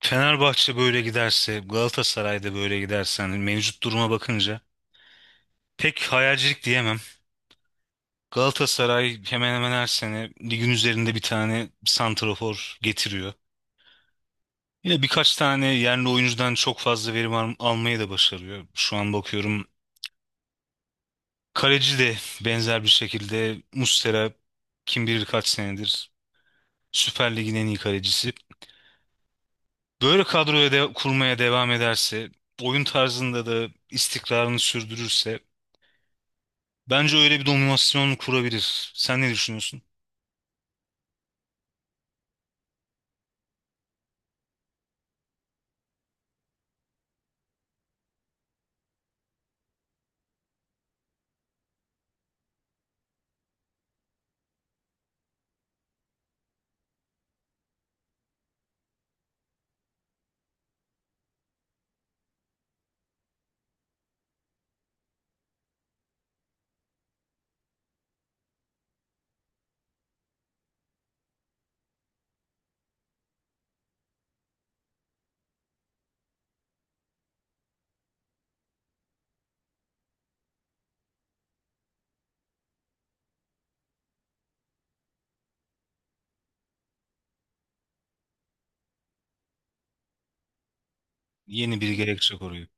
Fenerbahçe böyle giderse, Galatasaray'da böyle giderse hani mevcut duruma bakınca pek hayalcilik diyemem. Galatasaray hemen hemen her sene ligin üzerinde bir tane santrafor getiriyor. Yine birkaç tane yerli oyuncudan çok fazla verim almayı da başarıyor. Şu an bakıyorum kaleci de benzer bir şekilde Muslera kim bilir kaç senedir Süper Lig'in en iyi kalecisi. Böyle kadroya de kurmaya devam ederse, oyun tarzında da istikrarını sürdürürse bence öyle bir dominasyon kurabilir. Sen ne düşünüyorsun? Yeni biri gerekecek orayı.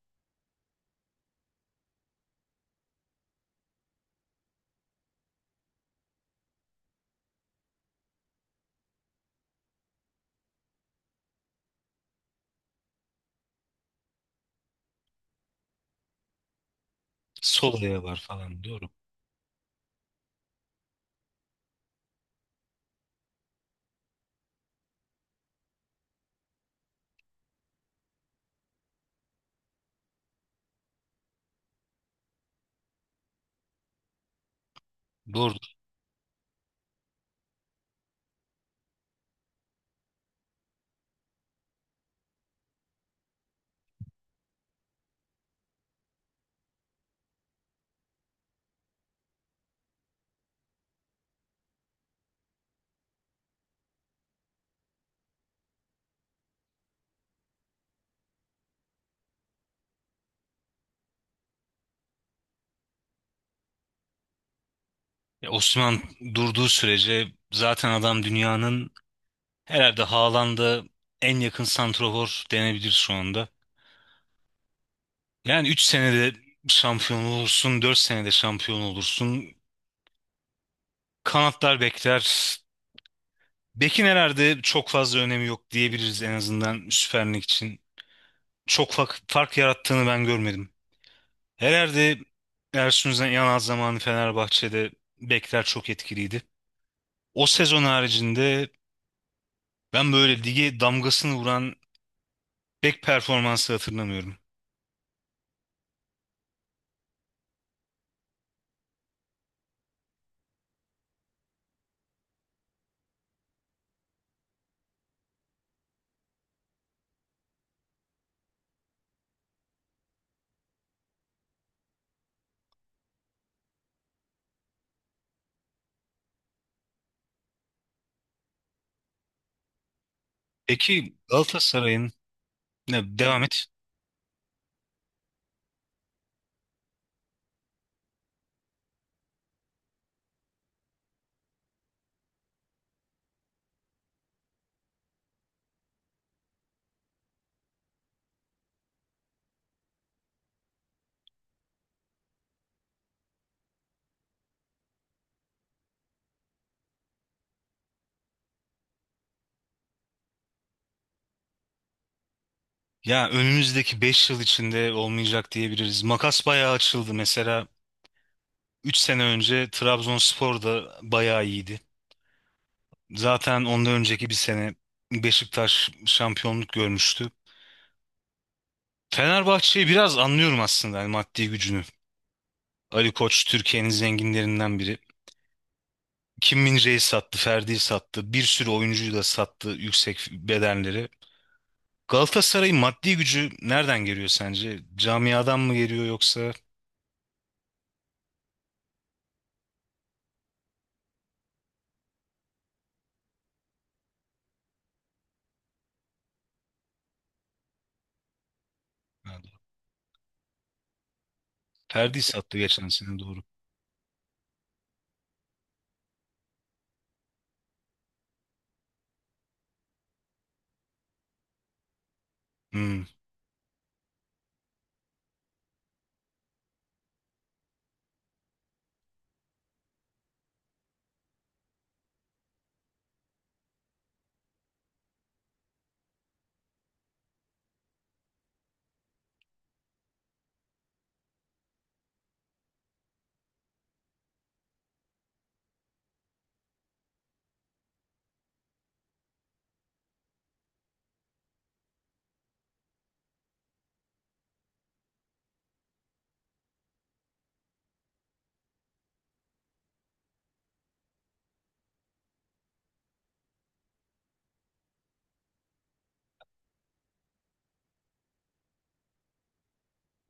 Solaya var falan. Doğru. Doğrudur. Ya Osman durduğu sürece zaten adam dünyanın herhalde Haaland'a en yakın santrafor denebilir şu anda. Yani 3 senede şampiyon olursun, 4 senede şampiyon olursun. Kanatlar bekler. Bekin herhalde çok fazla önemi yok diyebiliriz en azından Süper Lig için. Çok fark yarattığını ben görmedim. Herhalde Ersun Yanal zamanı Fenerbahçe'de bekler çok etkiliydi. O sezon haricinde ben böyle lige damgasını vuran bek performansı hatırlamıyorum. Peki Galatasaray'ın ne devam et. Ya önümüzdeki 5 yıl içinde olmayacak diyebiliriz. Makas bayağı açıldı. Mesela 3 sene önce Trabzonspor da bayağı iyiydi. Zaten ondan önceki bir sene Beşiktaş şampiyonluk görmüştü. Fenerbahçe'yi biraz anlıyorum aslında yani maddi gücünü. Ali Koç Türkiye'nin zenginlerinden biri. Kim Min-jae'yi sattı, Ferdi'yi sattı, bir sürü oyuncuyu da sattı yüksek bedelleri. Galatasaray'ın maddi gücü nereden geliyor sence? Camiadan mı geliyor yoksa? Ferdi'yi sattı geçen sene, doğru. Hmm.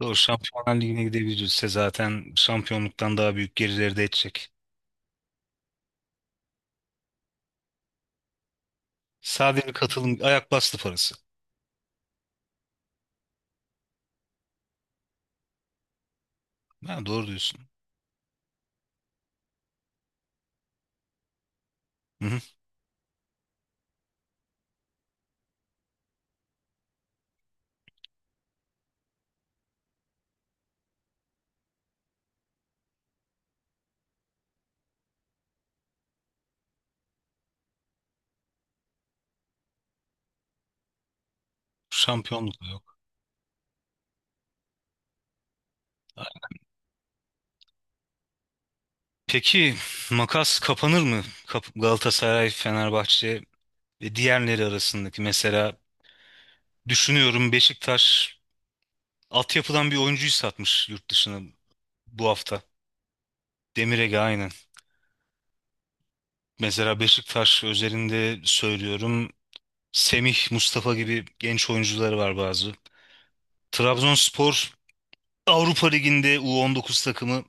Doğru, Şampiyonlar Ligi'ne gidebilirse zaten şampiyonluktan daha büyük gerilerde edecek. Sadece bir katılım ayak bastı parası. Ha, doğru diyorsun. Hı hı. Şampiyonluk da yok. Peki makas kapanır mı? Galatasaray, Fenerbahçe ve diğerleri arasındaki mesela düşünüyorum Beşiktaş altyapıdan bir oyuncuyu satmış yurt dışına bu hafta. Demir Ege aynen. Mesela Beşiktaş özelinde söylüyorum Semih, Mustafa gibi genç oyuncuları var bazı. Trabzonspor Avrupa Ligi'nde U19 takımı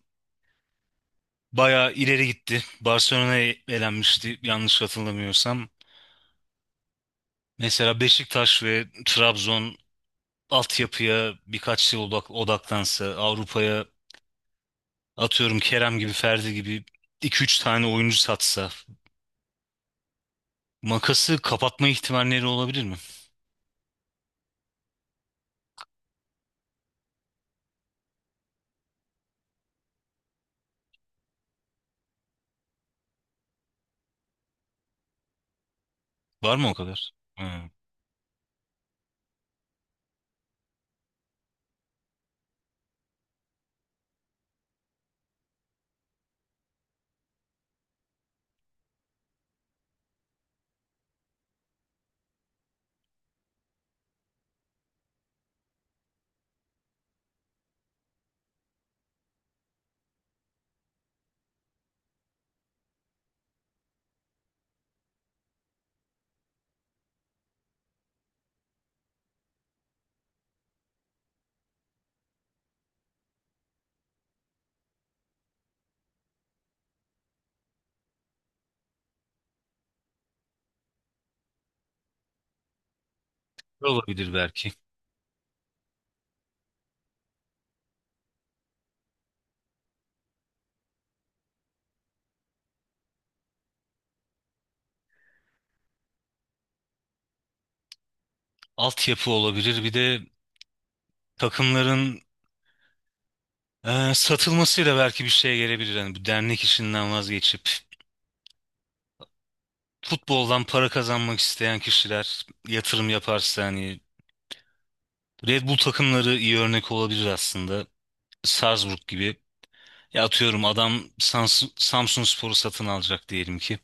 bayağı ileri gitti. Barcelona'ya elenmişti yanlış hatırlamıyorsam. Mesela Beşiktaş ve Trabzon altyapıya birkaç yıl odaklansa, Avrupa'ya atıyorum Kerem gibi, Ferdi gibi 2 3 tane oyuncu satsa makası kapatma ihtimalleri olabilir mi? Var mı o kadar? Hmm. Olabilir belki. Altyapı olabilir. Bir de takımların satılmasıyla belki bir şeye gelebilir. Yani bu dernek işinden vazgeçip futboldan para kazanmak isteyen kişiler yatırım yaparsa hani Red Bull takımları iyi örnek olabilir aslında. Salzburg gibi. Ya atıyorum adam Samsunspor'u satın alacak diyelim ki.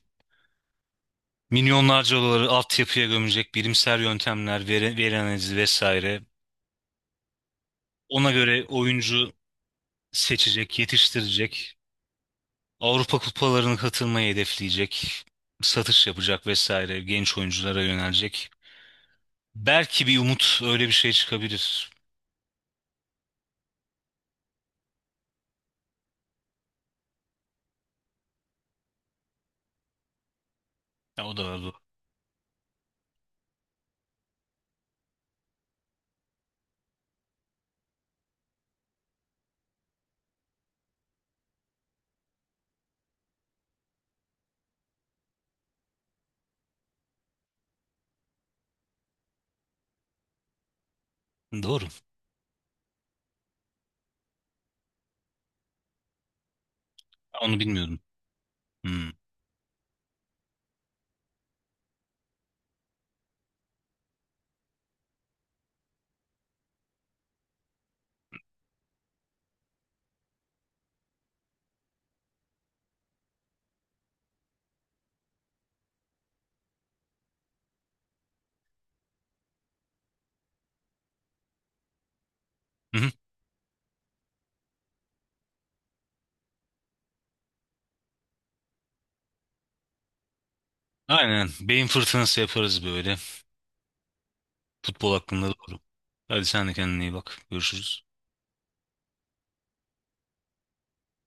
Milyonlarca doları altyapıya gömecek bilimsel yöntemler, veri analizi vesaire. Ona göre oyuncu seçecek, yetiştirecek. Avrupa kupalarına katılmayı hedefleyecek. Satış yapacak vesaire. Genç oyunculara yönelecek. Belki bir umut öyle bir şey çıkabilir. Ya, o da var. Doğru. Doğru. Onu bilmiyordum. Hmm. Hı hı. Aynen. Beyin fırtınası yaparız böyle. Futbol hakkında doğru. Hadi sen de kendine iyi bak. Görüşürüz.